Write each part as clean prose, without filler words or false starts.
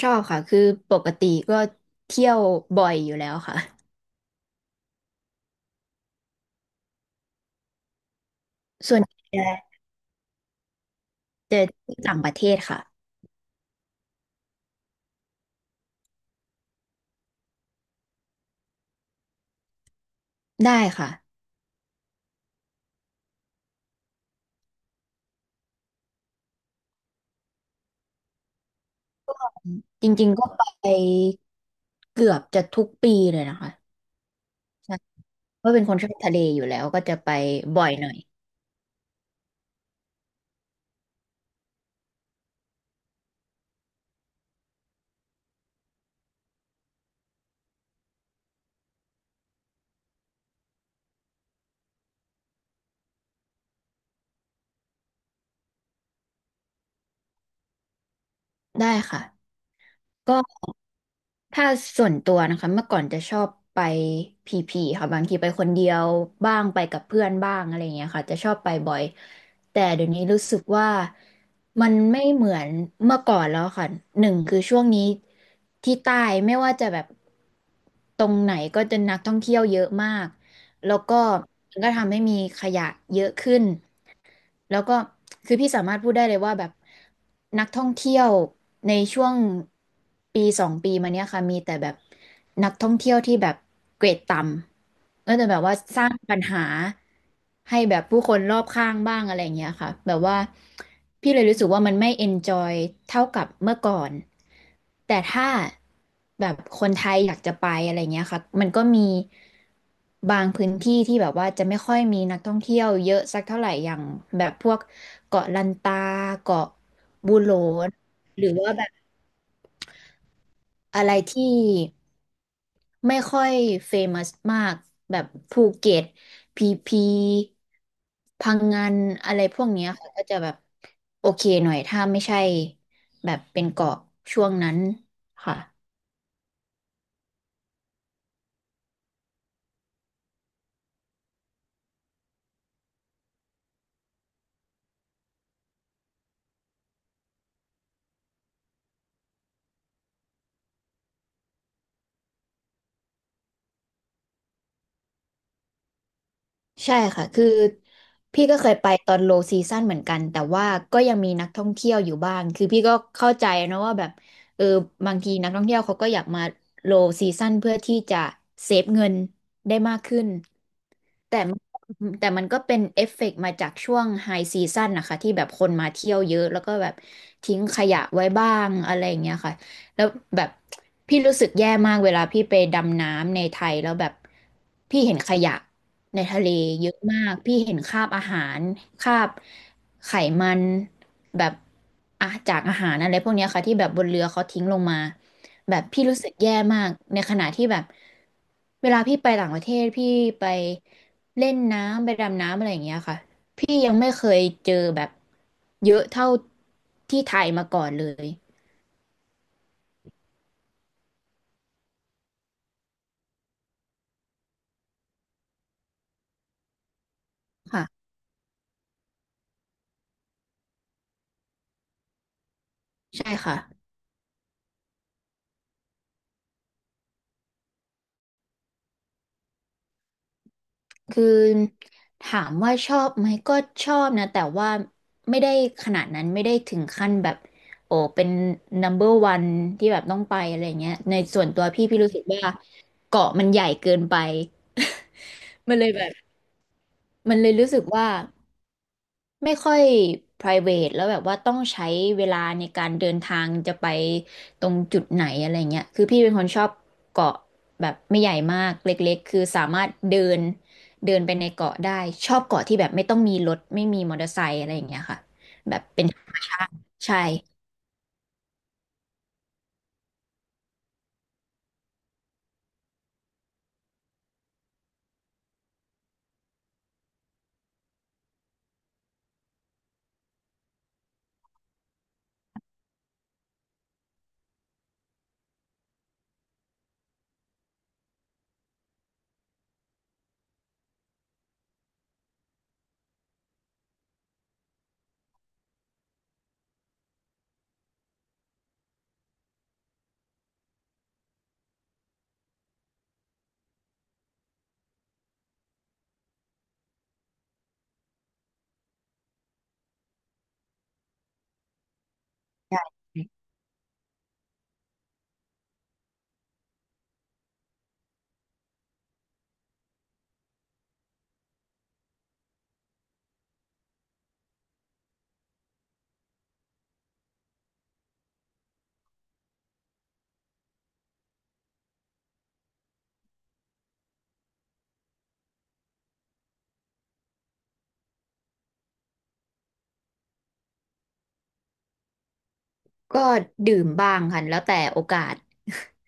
ชอบค่ะ คือปกติก็เที่ยวบ่อยอยู่แล้วค่ะ ส่วนใหญ่จะที่ต่างประเทศค่ะ ได้ค่ะ จริงๆก็ไปเกือบจะทุกปีเลยนะคะใช่เพราะเป็นคนชอบทะเลอยู่แล้วก็จะไปบ่อยหน่อย ได้ค่ะก็ ถ้าส่วนตัวนะคะเมื่อก่อนจะชอบไปพีพีค่ะบางทีไปคนเดียวบ้างไปกับเพื่อนบ้างอะไรอย่างเงี้ยค่ะจะชอบไปบ่อยแต่เดี๋ยวนี้รู้สึกว่ามันไม่เหมือนเมื่อก่อนแล้วค่ะหนึ่งคือช่วงนี้ที่ใต้ไม่ว่าจะแบบตรงไหนก็จะนักท่องเที่ยวเยอะมากแล้วก็มันก็ทำให้มีขยะเยอะขึ้น แล้วก็คือพี่สามารถพูดได้เลยว่าแบบนักท่องเที่ยวในช่วงปีสองปีมาเนี้ยค่ะมีแต่แบบนักท่องเที่ยวที่แบบเกรดต่ำแต่แบบว่าสร้างปัญหาให้แบบผู้คนรอบข้างบ้างอะไรอย่างเงี้ยค่ะแบบว่าพี่เลยรู้สึกว่ามันไม่เอนจอยเท่ากับเมื่อก่อนแต่ถ้าแบบคนไทยอยากจะไปอะไรเงี้ยค่ะมันก็มี บางพื้นที่ที่แบบว่าจะไม่ค่อยมีนักท่องเที่ยวเยอะสักเท่าไหร่อย่างแบบพวกเกาะลันตาเกาะบูโหลนหรือว่าแบบอะไรที่ไม่ค่อยเฟมัสมากแบบภูเก็ตพีพีพังงานอะไรพวกเนี้ยค่ะก็จะแบบโอเคหน่อยถ้าไม่ใช่แบบเป็นเกาะช่วงนั้นค่ะ ใช่ค่ะ คือพี่ก็เคยไปตอนโลซีซั่นเหมือนกัน แต่ว่าก็ยังมีนักท่องเที่ยวอยู่บ้าง คือพี่ก็เข้าใจนะว่าแบบเออบางทีนักท่องเที่ยวเขาก็อยากมาโลซีซั่นเพื่อที่จะเซฟเงินได้มากขึ้น แต่มันแต่มันก็เป็นเอฟเฟกต์มาจากช่วงไฮซีซั่นนะคะที่แบบคนมาเที่ยวเยอะแล้วก็แบบทิ้งขยะไว้บ้างอะไรอย่างเงี้ยค่ะ แล้วแบบพี่รู้สึกแย่มากเวลาพี่ไปดำน้ำในไทยแล้วแบบพี่เห็นขยะในทะเลเยอะมากพี่เห็นคราบอาหารคราบไขมันแบบอ่ะจากอาหารอะไรพวกเนี้ยค่ะที่แบบบนเรือเขาทิ้งลงมาแบบพี่รู้สึกแย่มากในขณะที่แบบเวลาพี่ไปต่างประเทศพี่ไปเล่นน้ำไปดำน้ำอะไรอย่างเงี้ยค่ะพี่ยังไม่เคยเจอแบบเยอะเท่าที่ไทยมาก่อนเลยค่ะใช่ค่ะ คือถามว่าชอบไหมก็ชอบนะแต่ว่าไม่ได้ขนาดนั้นไม่ได้ถึงขั้นแบบโอ้เป็น number one ที่แบบต้องไปอะไรเงี้ยในส่วนตัวพี่รู้สึกว่าเกาะมันใหญ่เกินไปมันเลยแบบมันเลยรู้สึกว่า ไม่ค่อย private แล้วแบบว่าต้องใช้เวลาในการเดินทางจะไปตรงจุดไหนอะไรเงี้ยคือพี่เป็นคนชอบเกาะแบบไม่ใหญ่มากเล็กๆ คือสามารถเดินเดินไปในเกาะได้ชอบเกาะที่แบบไม่ต้องมีรถไม่มีมอเตอร์ไซค์อะไรอย่างเงี้ยค่ะแบบเป็นธรรมชาติใช่ใช่ก็ดื่มบ้างค่ะแล้วแต่โอกาส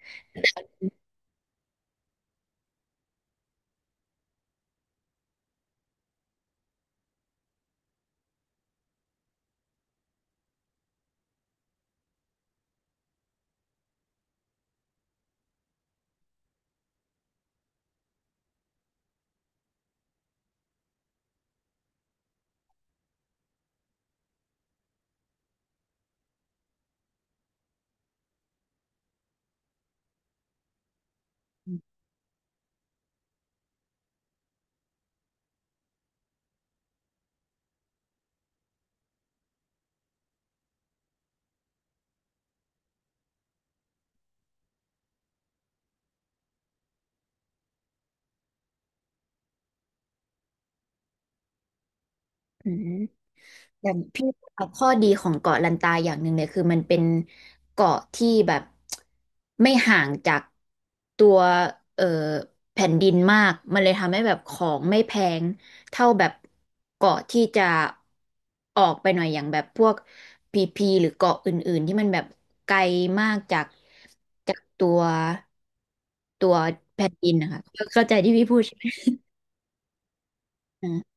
อืม อย่างพี่ว่าข้อดีของเกาะลันตาอย่างหนึ่งเนี่ยคือมันเป็นเกาะที่แบบไม่ห่างจากตัวเอ่อแผ่นดินมากมันเลยทำให้แบบของไม่แพงเท่าแบบเกาะที่จะออกไปหน่อยอย่างแบบพวกพีพีหรือเกาะอื่นๆที่มันแบบไกลมากจากตัวตัวแผ่นดินนะคะเข้าใจที่พี่พูดใช่ไหมอ่า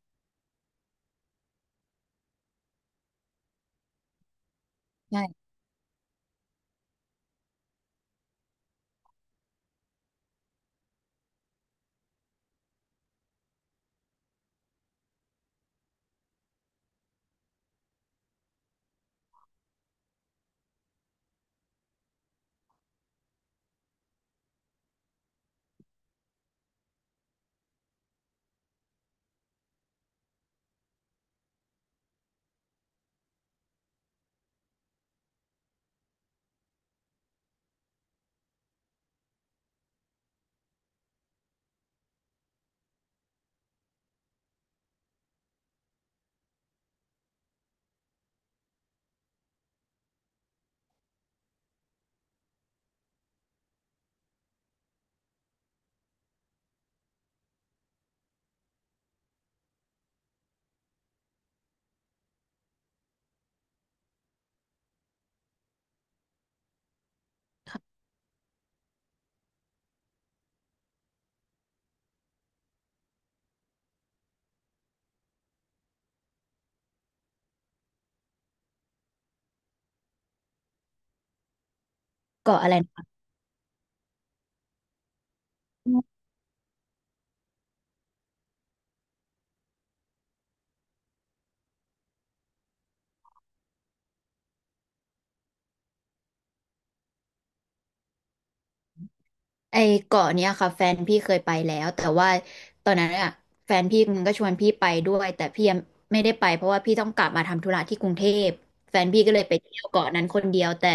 ใช่เกาะอะไรนะ ไอ้เกาะเนี้ยค่ะแฟนพี่เคยไปแล้วแต่ว่าตอนนั้นอะแฟนพี่มันก็ชวนพี่ไปด้วยแต่พี่ยังไม่ได้ไปเพราะว่าพี่ต้องกลับมาทำธุระที่กรุงเทพแฟนพี่ก็เลยไปเที่ยวเกาะนั้นคนเดียวแต่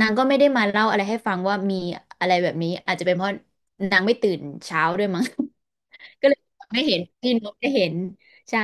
นางก็ไม่ได้มาเล่าอะไรให้ฟังว่ามีอะไรแบบนี้อาจจะเป็นเพราะนางไม่ตื่นเช้าด้วยมั้ง ก็เลยไม่เห็นพี่นกได้เห็นใช่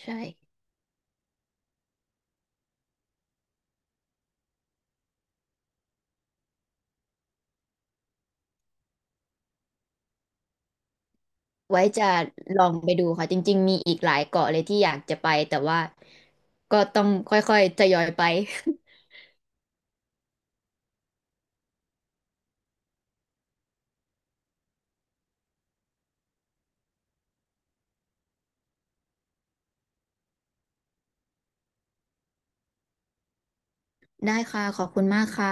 ใช่ไว้จะลองไปดูค่ะจริงๆมีอีกหลายเกาะเลยที่อยากจะไปแต่ว่าก็ต้องค่อยๆทยอยไป ได้ค่ะขอบคุณมากค่ะ